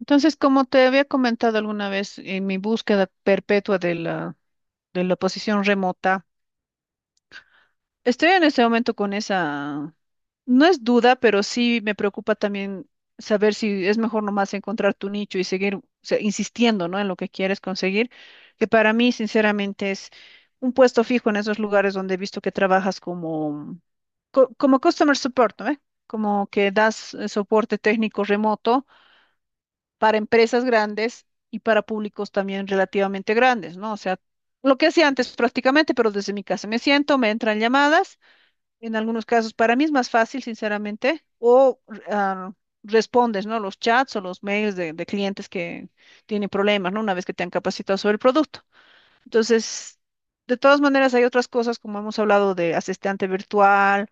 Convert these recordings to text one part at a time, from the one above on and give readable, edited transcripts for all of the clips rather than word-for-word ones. Entonces, como te había comentado alguna vez en mi búsqueda perpetua de la posición remota, estoy en este momento con esa, no es duda, pero sí me preocupa también saber si es mejor nomás encontrar tu nicho y seguir, o sea, insistiendo, ¿no?, en lo que quieres conseguir, que para mí, sinceramente, es un puesto fijo en esos lugares donde he visto que trabajas como, como customer support, ¿no? ¿Eh? Como que das soporte técnico remoto para empresas grandes y para públicos también relativamente grandes, ¿no? O sea, lo que hacía antes prácticamente, pero desde mi casa me siento, me entran llamadas, en algunos casos para mí es más fácil, sinceramente, o ah, respondes, ¿no?, los chats o los mails de clientes que tienen problemas, ¿no?, una vez que te han capacitado sobre el producto. Entonces, de todas maneras, hay otras cosas, como hemos hablado, de asistente virtual,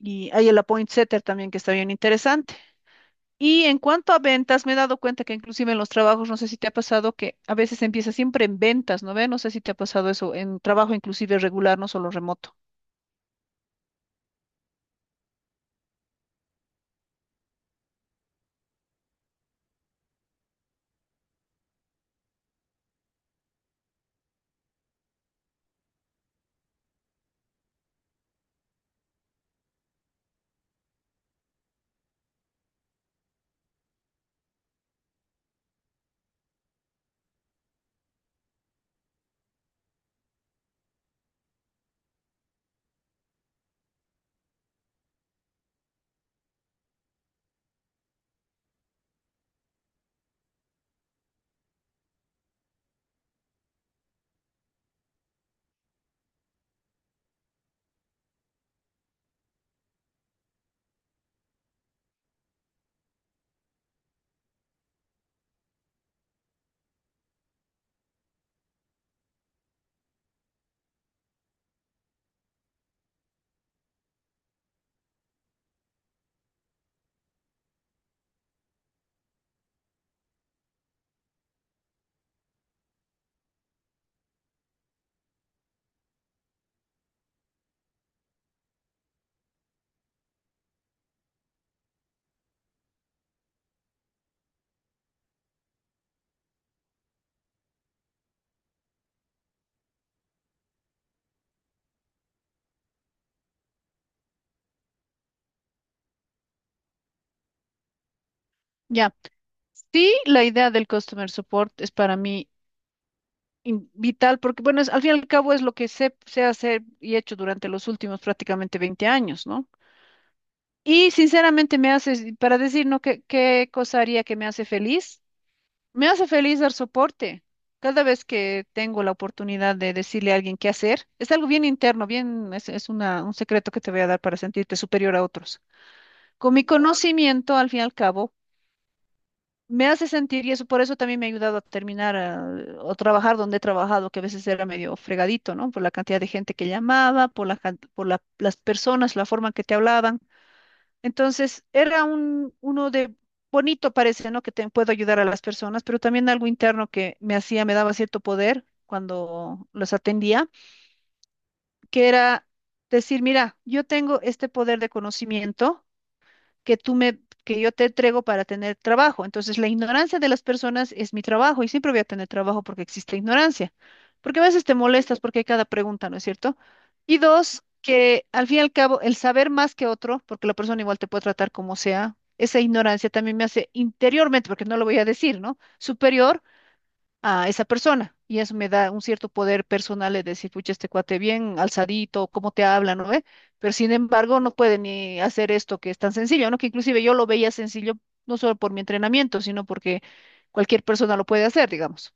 y hay el Appoint Setter también, que está bien interesante. Y en cuanto a ventas, me he dado cuenta que inclusive en los trabajos, no sé si te ha pasado que a veces empieza siempre en ventas, ¿no ve? No sé si te ha pasado eso, en trabajo inclusive regular, no solo remoto. Ya. Sí, la idea del customer support es para mí in- vital porque, bueno, es, al fin y al cabo, es lo que sé, sé hacer y he hecho durante los últimos prácticamente 20 años, ¿no? Y sinceramente me hace, para decir, ¿no?, ¿qué, qué cosa haría que me hace feliz? Me hace feliz dar soporte. Cada vez que tengo la oportunidad de decirle a alguien qué hacer, es algo bien interno, bien, es una, un secreto que te voy a dar para sentirte superior a otros. Con mi conocimiento, al fin y al cabo, me hace sentir, y eso, por eso también me ha ayudado a terminar, o trabajar donde he trabajado, que a veces era medio fregadito, ¿no?, por la cantidad de gente que llamaba, por la, can- por la- las personas, la forma en que te hablaban. Entonces, era un, uno de, bonito parece, ¿no?, que te puedo ayudar a las personas, pero también algo interno que me hacía, me daba cierto poder cuando los atendía, que era decir, mira, yo tengo este poder de conocimiento que tú me, que yo te entrego para tener trabajo. Entonces, la ignorancia de las personas es mi trabajo, y siempre voy a tener trabajo porque existe ignorancia. Porque a veces te molestas porque hay cada pregunta, ¿no es cierto? Y dos, que al fin y al cabo, el saber más que otro, porque la persona igual te puede tratar como sea, esa ignorancia también me hace interiormente, porque no lo voy a decir, ¿no?, superior a esa persona. Y eso me da un cierto poder personal de decir, pucha, este cuate bien alzadito, cómo te habla, ¿no ve? Pero sin embargo, no puede ni hacer esto que es tan sencillo, ¿no?, que inclusive yo lo veía sencillo, no solo por mi entrenamiento, sino porque cualquier persona lo puede hacer, digamos.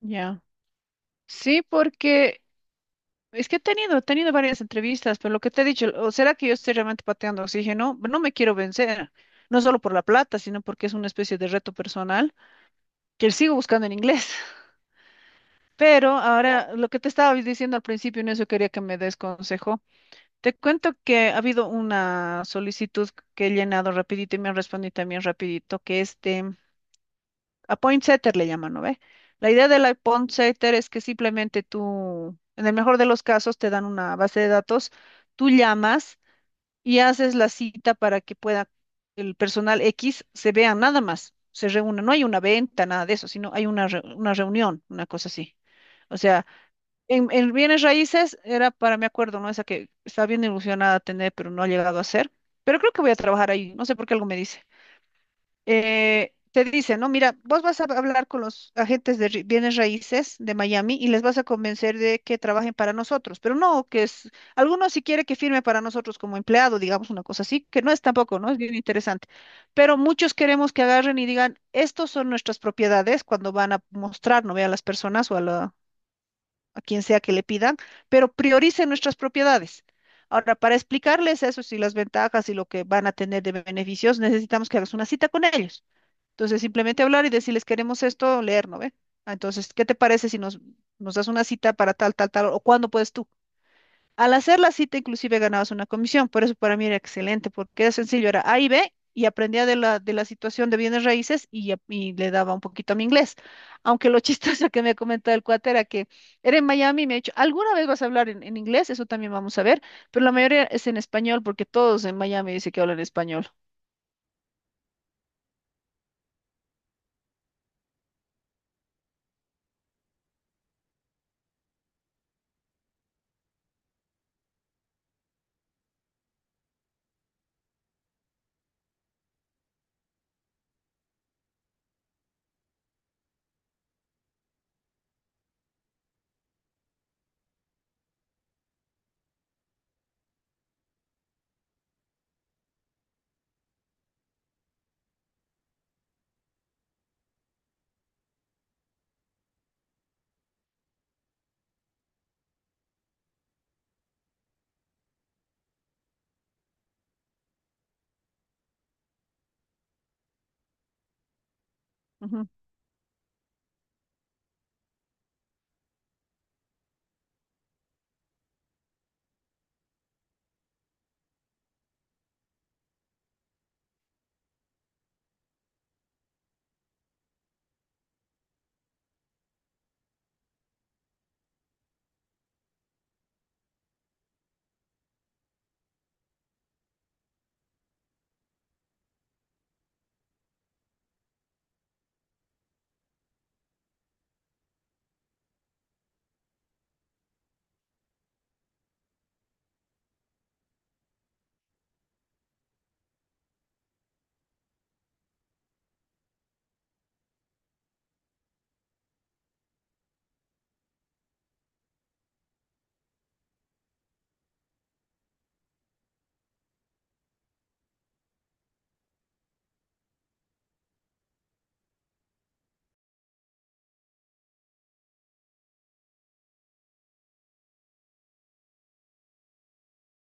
Ya. Sí, porque es que he tenido varias entrevistas, pero lo que te he dicho, o será que yo estoy realmente pateando oxígeno, no me quiero vencer, no solo por la plata, sino porque es una especie de reto personal que sigo buscando en inglés. Pero ahora, lo que te estaba diciendo al principio, en eso quería que me des consejo. Te cuento que ha habido una solicitud que he llenado rapidito y me han respondido también rapidito, que este, a point setter le llaman, ¿no ve? La idea del la point setter es que simplemente tú, en el mejor de los casos, te dan una base de datos, tú llamas y haces la cita para que pueda el personal X se vea nada más, se reúna. No hay una venta, nada de eso, sino hay una, re- una reunión, una cosa así. O sea, en, bienes raíces era para mi acuerdo, ¿no? Esa que estaba bien ilusionada tener, pero no ha llegado a ser. Pero creo que voy a trabajar ahí, no sé por qué, algo me dice. Te dice, ¿no?, mira, vos vas a hablar con los agentes de bienes raíces de Miami y les vas a convencer de que trabajen para nosotros, pero no, que es, algunos si quiere que firme para nosotros como empleado, digamos, una cosa así, que no es tampoco, ¿no? Es bien interesante. Pero muchos queremos que agarren y digan, estos son nuestras propiedades cuando van a mostrar, ¿no?, ve a las personas o a la, a quien sea que le pidan, pero prioricen nuestras propiedades. Ahora, para explicarles eso y las ventajas y lo que van a tener de beneficios, necesitamos que hagas una cita con ellos. Entonces, simplemente hablar y decirles, queremos esto, leer, ¿no ve? Entonces, ¿qué te parece si nos das una cita para tal, tal, tal, o cuándo puedes tú? Al hacer la cita, inclusive ganabas una comisión, por eso para mí era excelente, porque era sencillo, era A y B, y aprendía de la situación de bienes raíces, y ya- y le daba un poquito a mi inglés. Aunque lo chistoso que me ha comentado el cuate era que era en Miami, y me ha dicho, ¿alguna vez vas a hablar en, inglés? Eso también vamos a ver, pero la mayoría es en español, porque todos en Miami dicen que hablan español. Ujú.